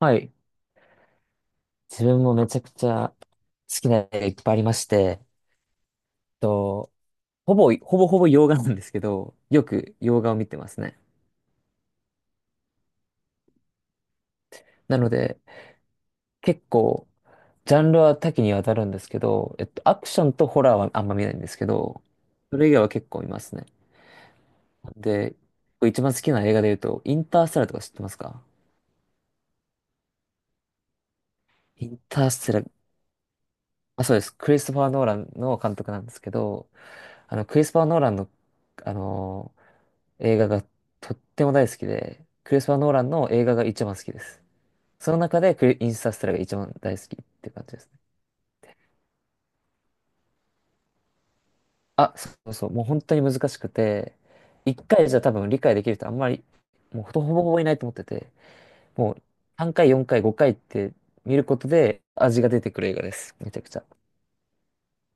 はい。自分もめちゃくちゃ好きな映画いっぱいありまして、と、ほぼほぼ洋画なんですけど、よく洋画を見てますね。なので、結構、ジャンルは多岐にわたるんですけど、アクションとホラーはあんま見ないんですけど、それ以外は結構見ますね。で、一番好きな映画で言うと、インターステラーとか知ってますか？インターステラー、あ、そうです。クリストファー・ノーランの監督なんですけど、クリストファー・ノーランの、あの、映画がとっても大好きで、クリスパー・ノーランの映画が一番好きです。その中でクリインスタステラが一番大好きって感じですね。あ、そうそう、もう本当に難しくて、一回じゃ多分理解できる人あんまり、もうほぼほぼいないと思ってて、もう3回、4回、5回って見ることで味が出てくる映画です。めちゃくちゃ。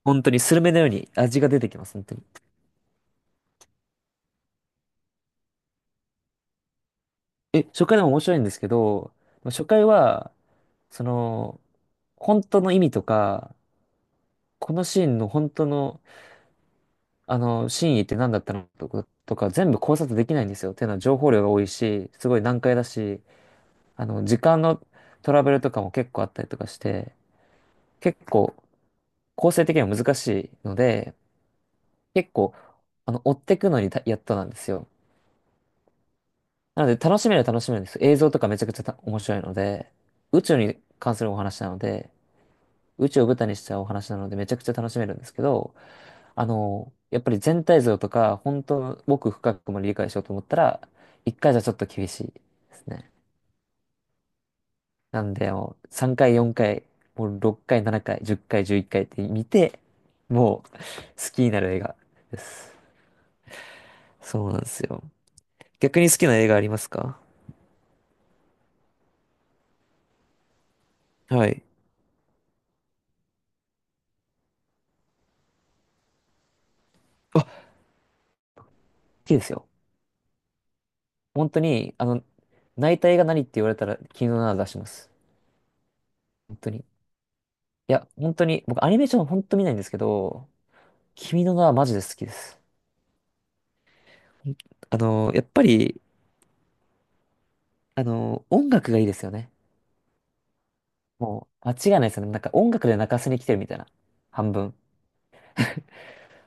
本当にスルメのように味が出てきます、本当に。え、初回でも面白いんですけど、初回は、その、本当の意味とか、このシーンの本当の真意って何だったのとか、全部考察できないんですよ。っていうのは情報量が多いし、すごい難解だし、時間のトラブルとかも結構あったりとかして、結構構成的には難しいので、結構、追ってくのにやっとなんですよ。なので楽しめるんですよ。映像とかめちゃくちゃ面白いので、宇宙に関するお話なので、宇宙を舞台にしたお話なのでめちゃくちゃ楽しめるんですけど、やっぱり全体像とか、本当の奥深くも理解しようと思ったら、1回じゃちょっと厳しいですね。なんで、もう3回、4回、もう6回、7回、10回、11回っかいって見て、もう好きになる映画です。そうなんですよ。逆に好きな映画ありますか？はい。あ、好きですよ。本当に、泣いた映画何って言われたら、君の名は出します。本当に。いや、本当に、僕アニメーション本当見ないんですけど、君の名はマジで好きです。やっぱり、音楽がいいですよね。もう、間違いないですよね。なんか音楽で泣かせに来てるみたいな。半分。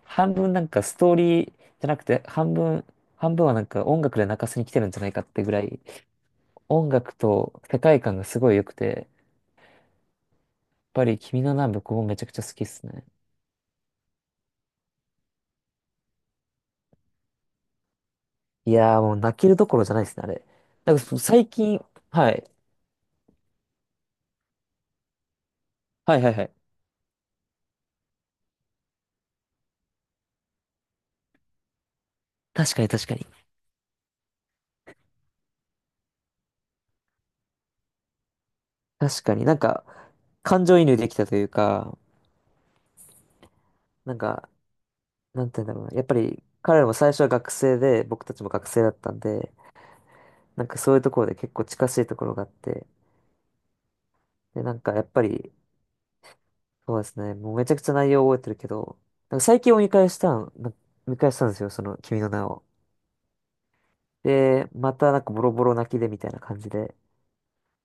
半分なんかストーリーじゃなくて、半分はなんか音楽で泣かせに来てるんじゃないかってぐらい、音楽と世界観がすごい良くて、やっぱり君の名は僕もめちゃくちゃ好きですね。いやーもう泣けるどころじゃないですね、あれ。なんか最近、はい。はいはいはい。確かに確かに。確かになんか、感情移入できたというか、なんか、なんて言うんだろうな。やっぱり彼らも最初は学生で、僕たちも学生だったんで、なんかそういうところで結構近しいところがあって、で、なんかやっぱり、そうですね、もうめちゃくちゃ内容覚えてるけど、なんか最近を見返したんですよ、その君の名を。で、またなんかボロボロ泣きでみたいな感じで。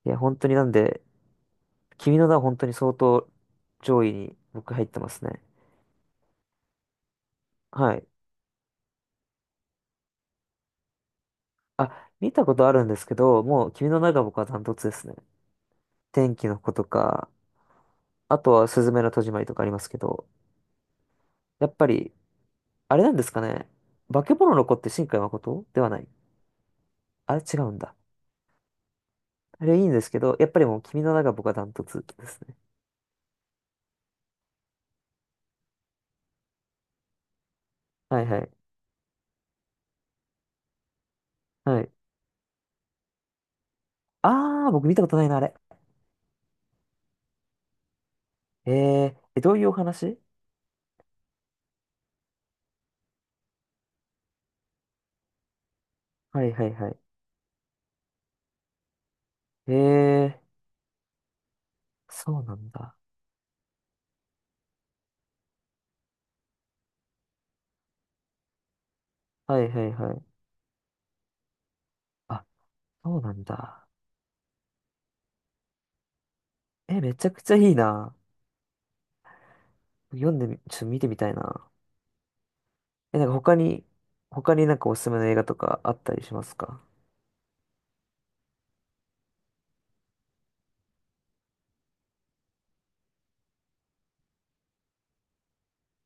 いや、本当になんで、君の名は本当に相当上位に僕入ってますね。はい。あ、見たことあるんですけど、もう君の名が僕はダントツですね。天気の子とか、あとは、すずめの戸締まりとかありますけど、やっぱり、あれなんですかね。化け物の子って新海誠ではない。あれ違うんだ。あれいいんですけど、やっぱりもう君の名が僕はダントツですね。はいはい。はい。あー、僕見たことないな、あれ。ええ、どういうお話？はいはいはい。えー、そうなんだ。はいはいはい。あ、そうなんだ。え、めちゃくちゃいいな。読んでみ、ちょっと見てみたいな。え、なんか他になんかおすすめの映画とかあったりしますか？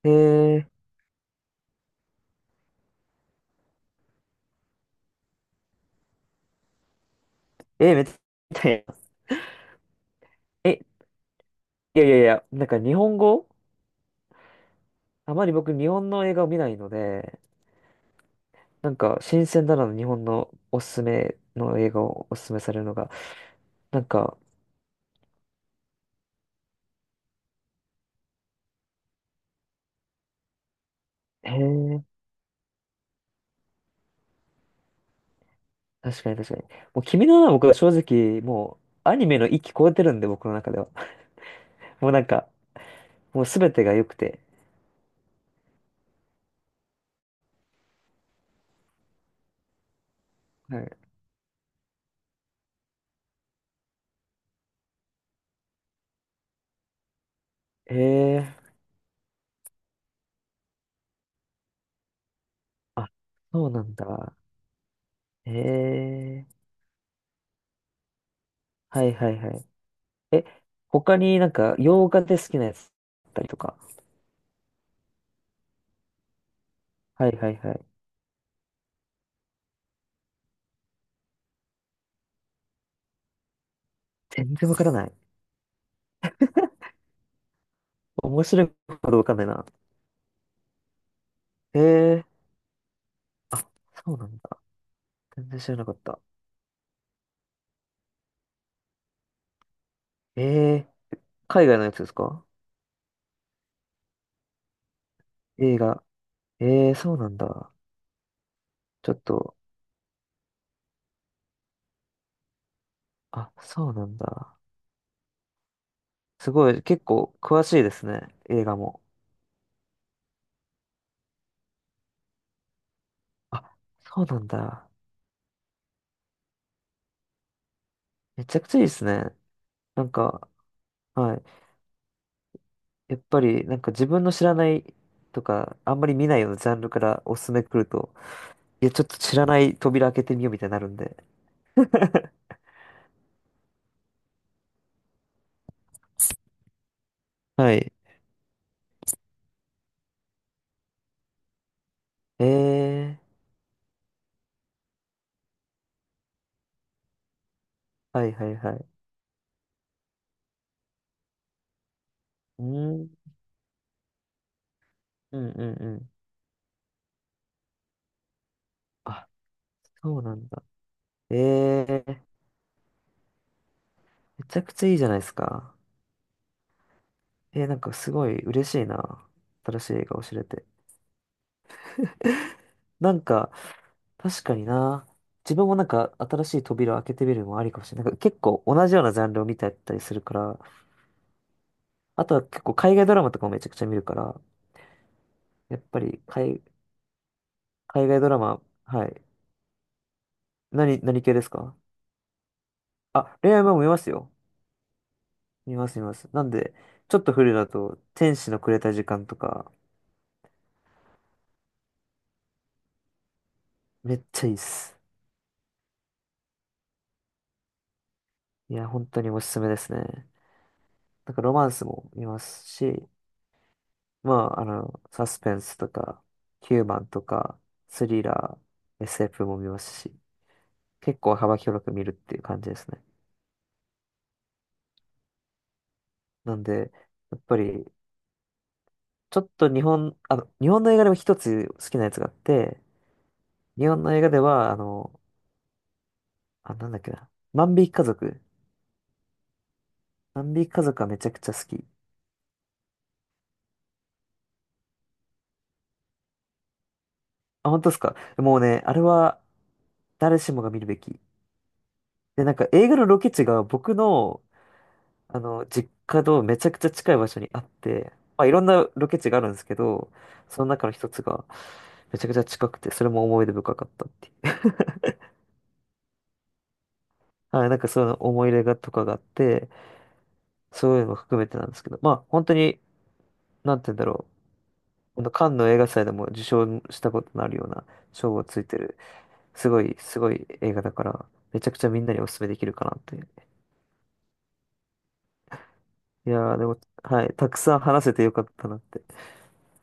えーえ、めっちゃ、え、いやいやいや、なんか日本語あまり僕日本の映画を見ないので、なんか新鮮だなの日本のおすすめの映画をおすすめされるのが、なんか、へえ、確かに確かに。もう君の名は僕は正直、もうアニメの域超えてるんで、僕の中では。もうなんか、もうすべてが良くて。はい。へえ、あ、そうなんだ。へえ、はいはいはい。え、他になんか洋画で好きなやつだったりとか。はいはいはい。全然わからない。面白いことわかんないな。ええー。あ、そうなんだ。全然知らなかった。ええー。海外のやつですか？映画。ええー、そうなんだ。ちょっと、あ、そうなんだ。すごい、結構詳しいですね。映画も。あ、そうなんだ。めちゃくちゃいいですね。なんか、はい。やっぱり、なんか自分の知らないとか、あんまり見ないようなジャンルからおすすめ来ると、いや、ちょっと知らない扉開けてみようみたいになるんで。はい。ええー。はいはいはい。うん、うんうんうん。あ、そうなんだ。ええー、めちゃくちゃいいじゃないですか。えー、なんかすごい嬉しいな。新しい映画を知れて。なんか、確かにな。自分もなんか新しい扉を開けてみるのもありかもしれない。なんか結構同じようなジャンルを見てたりするから、あとは結構海外ドラマとかもめちゃくちゃ見るから、やっぱり海外ドラマ、はい。何系ですか？あ、恋愛も見ますよ。見ます見ます。なんで、ちょっと古いだと、天使のくれた時間とか、めっちゃいいっす。いや、本当におすすめですね。なんかロマンスも見ますし、まあ、サスペンスとか、ヒューマンとか、スリラー、SF も見ますし、結構幅広く見るっていう感じですね。なんで、やっぱり、ちょっと日本の映画でも一つ好きなやつがあって、日本の映画では、あ、なんだっけな、万引き家族。万引き家族はめちゃくちゃ好き。あ、本当ですか。もうね、あれは誰しもが見るべき。で、なんか映画のロケ地が僕の、実家とめちゃくちゃ近い場所にあって、まあ、いろんなロケ地があるんですけど、その中の一つがめちゃくちゃ近くて、それも思い出深かったっていう。はい、なんかそういうの思い入れがとかがあって、そういうのも含めてなんですけど、まあ本当に、なんて言うんだろう、このカンヌ映画祭でも受賞したことのあるような賞をついてる、すごい、すごい映画だから、めちゃくちゃみんなにお勧めできるかなという。いやー、でも、はい。たくさん話せてよかったなって。